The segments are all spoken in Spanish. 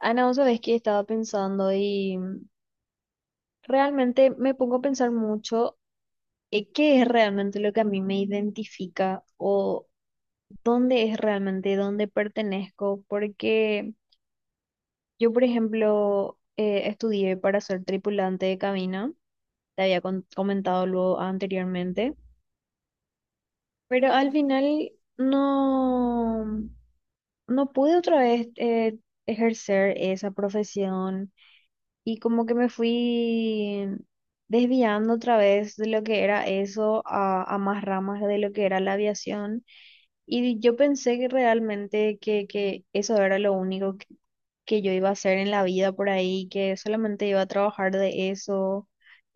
Ana, vos sabés que estaba pensando y realmente me pongo a pensar mucho qué es realmente lo que a mí me identifica o dónde es realmente dónde pertenezco, porque yo, por ejemplo, estudié para ser tripulante de cabina, te había comentado luego anteriormente, pero al final no, no pude otra vez ejercer esa profesión. Y como que me fui desviando otra vez de lo que era eso a más ramas de lo que era la aviación. Y yo pensé que realmente que eso era lo único que yo iba a hacer en la vida por ahí, que solamente iba a trabajar de eso,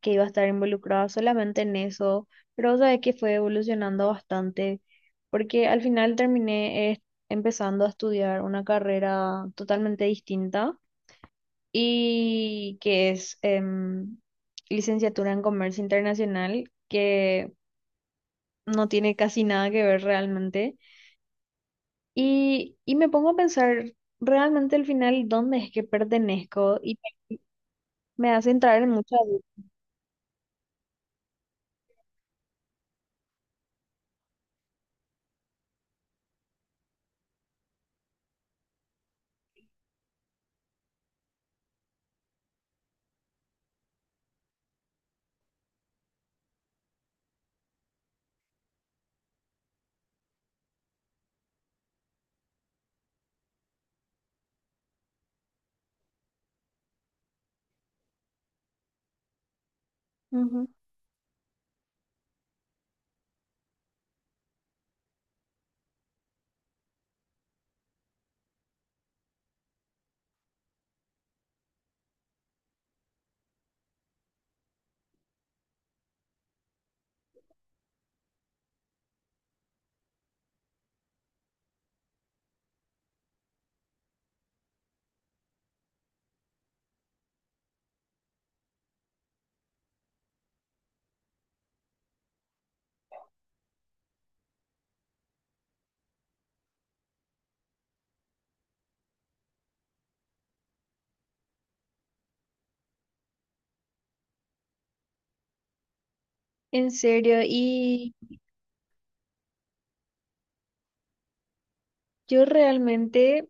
que iba a estar involucrada solamente en eso. Pero sabes que fue evolucionando bastante, porque al final terminé empezando a estudiar una carrera totalmente distinta y que es licenciatura en Comercio Internacional, que no tiene casi nada que ver realmente. Y me pongo a pensar realmente al final dónde es que pertenezco y me hace entrar en mucha duda. Ujú. En serio, y yo realmente...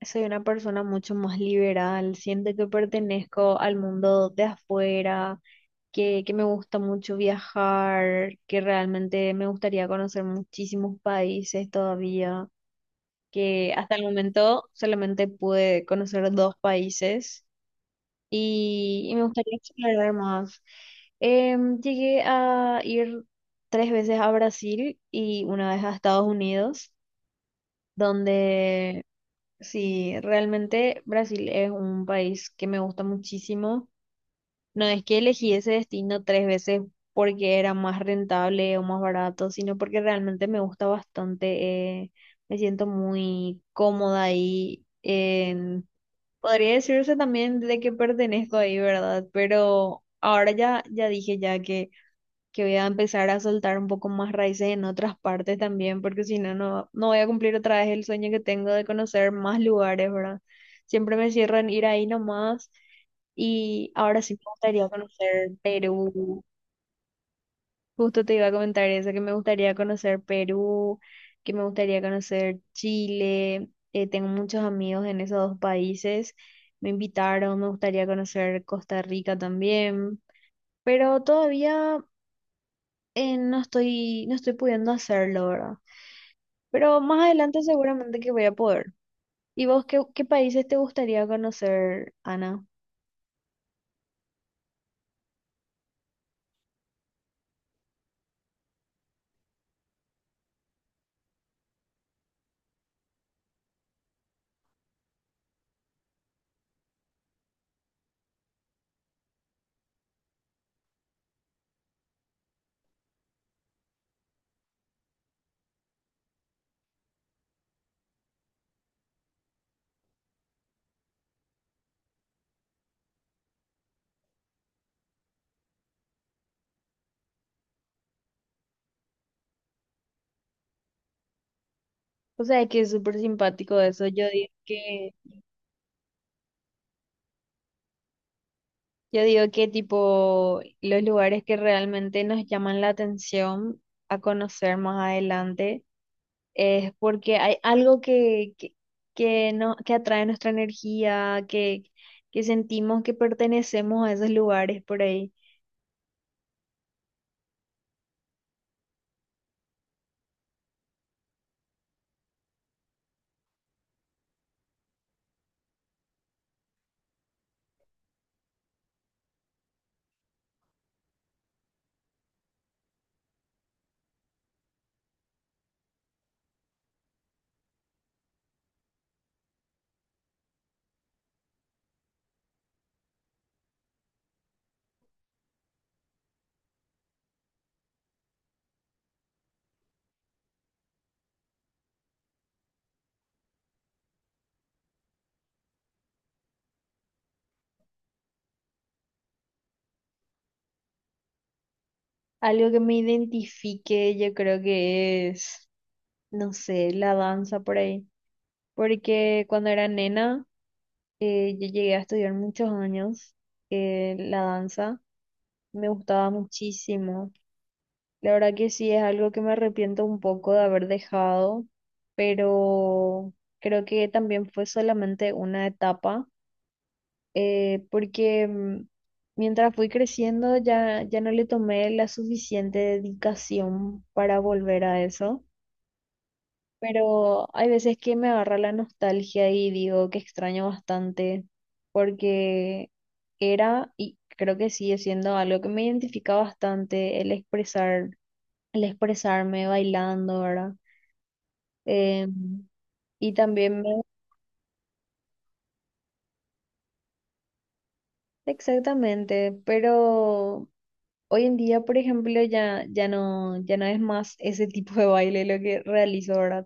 soy una persona mucho más liberal, siento que pertenezco al mundo de afuera, que me gusta mucho viajar, que realmente me gustaría conocer muchísimos países todavía, que hasta el momento solamente pude conocer dos países y me gustaría explorar más. Llegué a ir tres veces a Brasil y una vez a Estados Unidos, donde sí, realmente Brasil es un país que me gusta muchísimo. No es que elegí ese destino tres veces porque era más rentable o más barato, sino porque realmente me gusta bastante. Me siento muy cómoda ahí. Podría decirse también de que pertenezco ahí, ¿verdad? Pero ahora ya dije ya que voy a empezar a soltar un poco más raíces en otras partes también, porque si no, no, no voy a cumplir otra vez el sueño que tengo de conocer más lugares, ¿verdad? Siempre me cierro en ir ahí nomás y ahora sí me gustaría conocer Perú. Justo te iba a comentar eso, que me gustaría conocer Perú, que me gustaría conocer Chile. Tengo muchos amigos en esos dos países. Me invitaron, me gustaría conocer Costa Rica también, pero todavía no no estoy pudiendo hacerlo, ¿verdad? Pero más adelante seguramente que voy a poder. ¿Y vos qué países te gustaría conocer, Ana? O sea, que es súper simpático eso. Yo digo yo digo que tipo los lugares que realmente nos llaman la atención a conocer más adelante es porque hay algo que, no, que atrae nuestra energía, que sentimos que pertenecemos a esos lugares por ahí. Algo que me identifique, yo creo que es, no sé, la danza por ahí. Porque cuando era nena, yo llegué a estudiar muchos años la danza. Me gustaba muchísimo. La verdad que sí, es algo que me arrepiento un poco de haber dejado, pero creo que también fue solamente una etapa, porque mientras fui creciendo, ya no le tomé la suficiente dedicación para volver a eso. Pero hay veces que me agarra la nostalgia y digo que extraño bastante porque era y creo que sigue siendo algo que me identifica bastante el expresar, el expresarme bailando, ¿verdad? Em, y también me... Exactamente, pero hoy en día, por ejemplo, ya no es más ese tipo de baile lo que realizo, ¿verdad?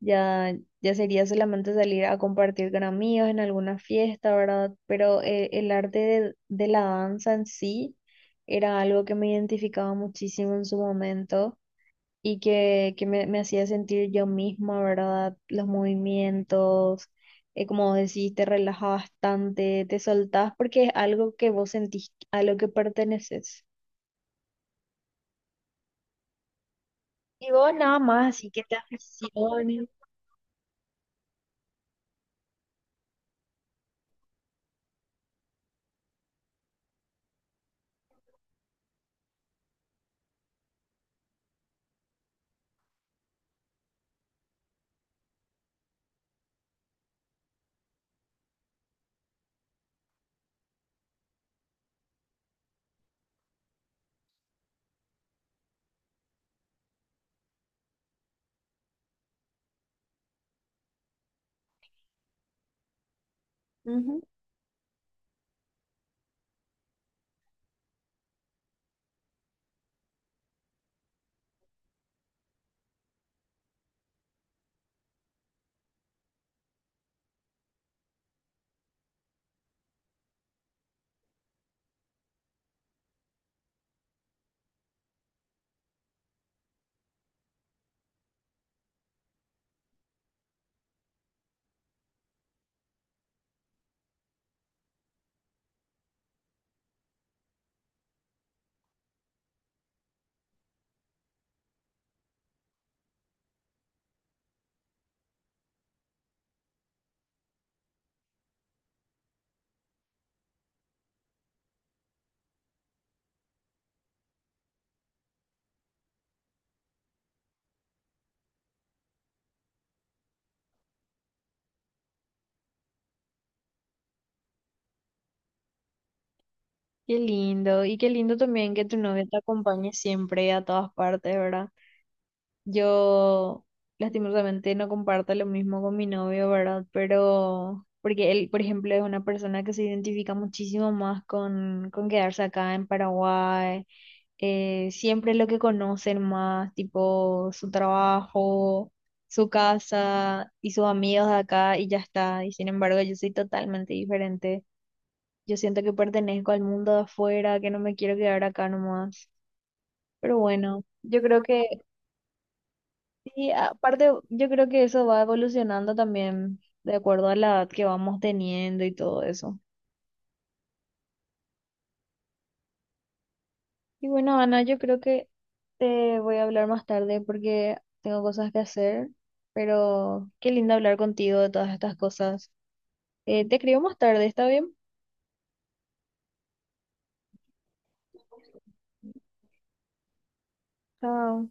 Ya, ya sería solamente salir a compartir con amigos en alguna fiesta, ¿verdad? Pero el arte de la danza en sí era algo que me identificaba muchísimo en su momento y me hacía sentir yo misma, ¿verdad? Los movimientos, como decís, te relajas bastante, te soltás porque es algo que vos sentís, a lo que perteneces. Y vos nada más, así que te aficiones. Ujú. Qué lindo. Y qué lindo también que tu novia te acompañe siempre a todas partes, ¿verdad? Yo lastimosamente no comparto lo mismo con mi novio, ¿verdad? Pero porque él, por ejemplo, es una persona que se identifica muchísimo más con quedarse acá en Paraguay. Eh, siempre lo que conocen más, tipo su trabajo, su casa y sus amigos de acá y ya está. Y sin embargo, yo soy totalmente diferente. Yo siento que pertenezco al mundo de afuera, que no me quiero quedar acá nomás. Pero bueno, yo creo que y aparte, yo creo que eso va evolucionando también de acuerdo a la edad que vamos teniendo y todo eso. Y bueno, Ana, yo creo que te voy a hablar más tarde porque tengo cosas que hacer, pero qué lindo hablar contigo de todas estas cosas. Te escribo más tarde, ¿está bien? Chao.